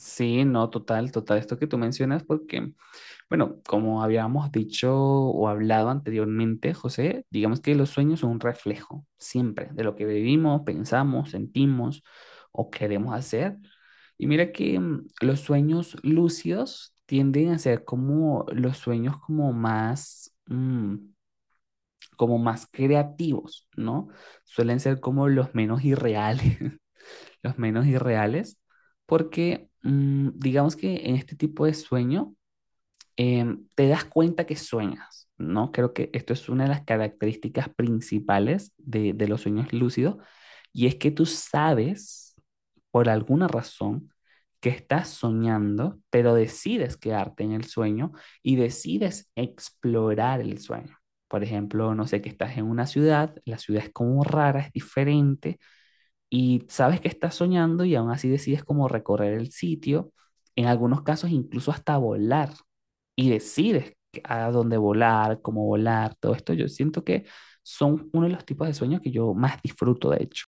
Sí, no, total, total, esto que tú mencionas, porque, bueno, como habíamos dicho o hablado anteriormente, José, digamos que los sueños son un reflejo siempre de lo que vivimos, pensamos, sentimos o queremos hacer. Y mira que los sueños lúcidos tienden a ser como los sueños como más, como más creativos, ¿no? Suelen ser como los menos irreales, los menos irreales, porque digamos que en este tipo de sueño te das cuenta que sueñas, ¿no? Creo que esto es una de las características principales de los sueños lúcidos, y es que tú sabes, por alguna razón, que estás soñando, pero decides quedarte en el sueño y decides explorar el sueño. Por ejemplo, no sé, que estás en una ciudad, la ciudad es como rara, es diferente, y sabes que estás soñando y aún así decides como recorrer el sitio, en algunos casos incluso hasta volar y decides a dónde volar, cómo volar, todo esto. Yo siento que son uno de los tipos de sueños que yo más disfruto, de hecho.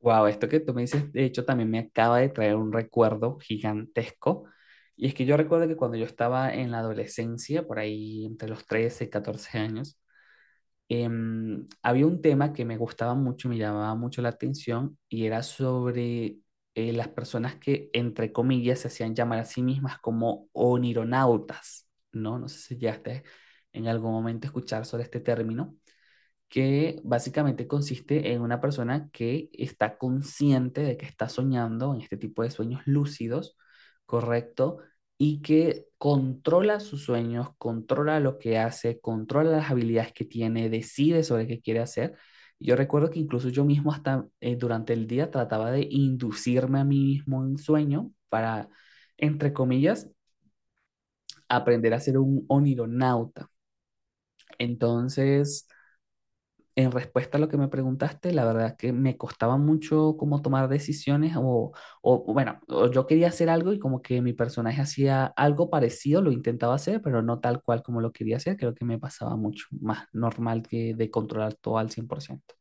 Wow, esto que tú me dices, de hecho, también me acaba de traer un recuerdo gigantesco. Y es que yo recuerdo que cuando yo estaba en la adolescencia, por ahí entre los 13 y 14 años, había un tema que me gustaba mucho, me llamaba mucho la atención y era sobre las personas que, entre comillas, se hacían llamar a sí mismas como onironautas, ¿no? No sé si llegaste en algún momento a escuchar sobre este término que básicamente consiste en una persona que está consciente de que está soñando en este tipo de sueños lúcidos, ¿correcto? Y que controla sus sueños, controla lo que hace, controla las habilidades que tiene, decide sobre qué quiere hacer. Yo recuerdo que incluso yo mismo hasta durante el día trataba de inducirme a mí mismo en sueño para, entre comillas, aprender a ser un onironauta. Entonces, en respuesta a lo que me preguntaste, la verdad que me costaba mucho como tomar decisiones o bueno, o yo quería hacer algo y como que mi personaje hacía algo parecido, lo intentaba hacer, pero no tal cual como lo quería hacer, creo que me pasaba mucho más normal que de controlar todo al 100%.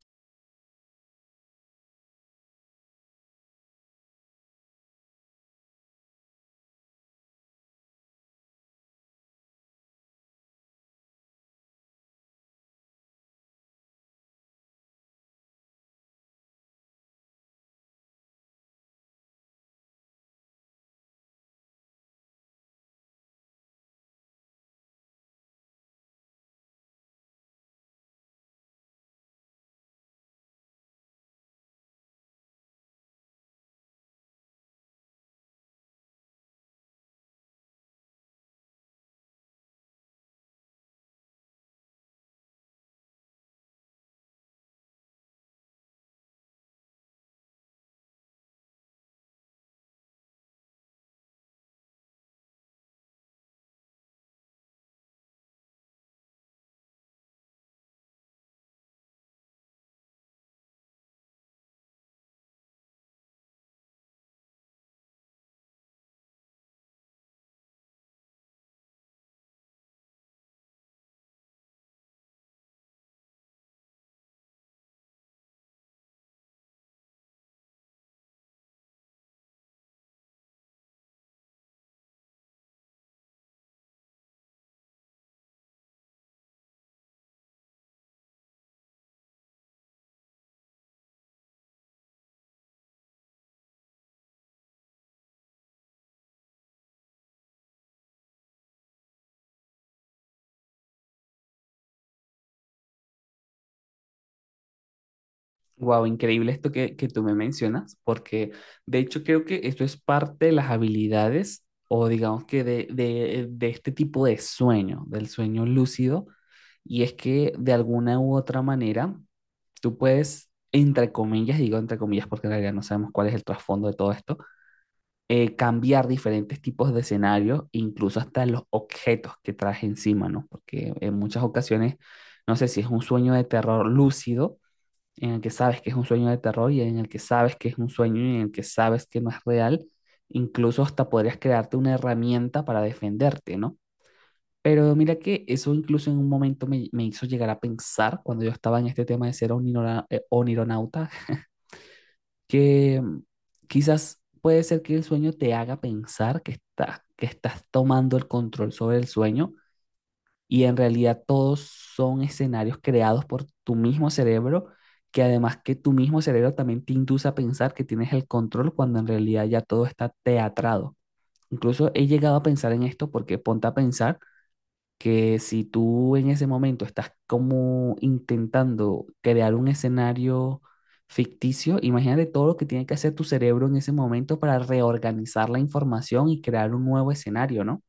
Wow, increíble esto que tú me mencionas, porque de hecho creo que esto es parte de las habilidades o digamos que de este tipo de sueño, del sueño lúcido, y es que de alguna u otra manera tú puedes, entre comillas, digo entre comillas porque en realidad no sabemos cuál es el trasfondo de todo esto, cambiar diferentes tipos de escenarios, incluso hasta los objetos que traes encima, ¿no? Porque en muchas ocasiones, no sé si es un sueño de terror lúcido en el que sabes que es un sueño de terror y en el que sabes que es un sueño y en el que sabes que no es real, incluso hasta podrías crearte una herramienta para defenderte, ¿no? Pero mira que eso incluso en un momento me hizo llegar a pensar, cuando yo estaba en este tema de ser onironauta, que quizás puede ser que el sueño te haga pensar que, que estás tomando el control sobre el sueño y en realidad todos son escenarios creados por tu mismo cerebro, que además que tu mismo cerebro también te induce a pensar que tienes el control cuando en realidad ya todo está teatrado. Incluso he llegado a pensar en esto porque ponte a pensar que si tú en ese momento estás como intentando crear un escenario ficticio, imagínate todo lo que tiene que hacer tu cerebro en ese momento para reorganizar la información y crear un nuevo escenario, ¿no?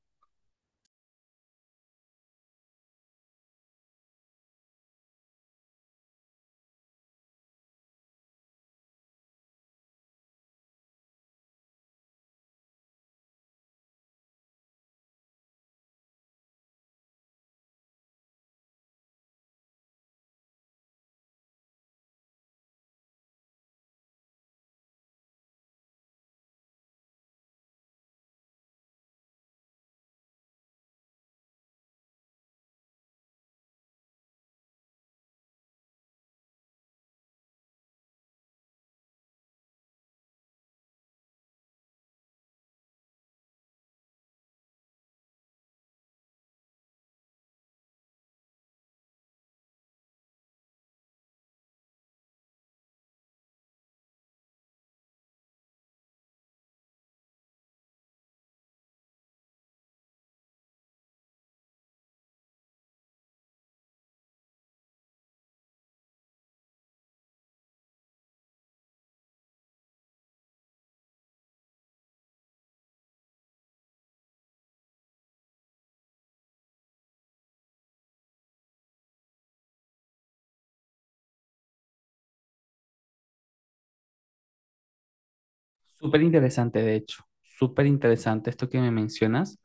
Súper interesante, de hecho, súper interesante esto que me mencionas,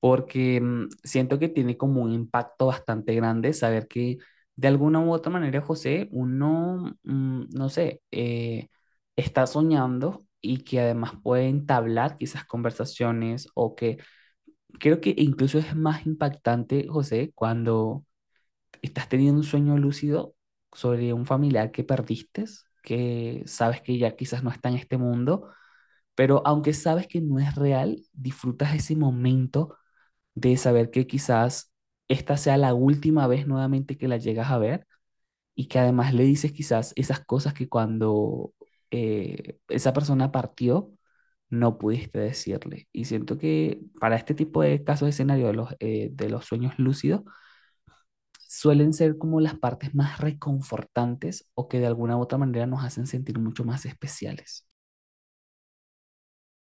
porque siento que tiene como un impacto bastante grande saber que de alguna u otra manera, José, uno, no sé, está soñando y que además puede entablar quizás conversaciones o que creo que incluso es más impactante, José, cuando estás teniendo un sueño lúcido sobre un familiar que perdiste, que sabes que ya quizás no está en este mundo pero aunque sabes que no es real, disfrutas ese momento de saber que quizás esta sea la última vez nuevamente que la llegas a ver y que además le dices quizás esas cosas que cuando esa persona partió no pudiste decirle. Y siento que para este tipo de casos de escenario de los sueños lúcidos suelen ser como las partes más reconfortantes o que de alguna u otra manera nos hacen sentir mucho más especiales.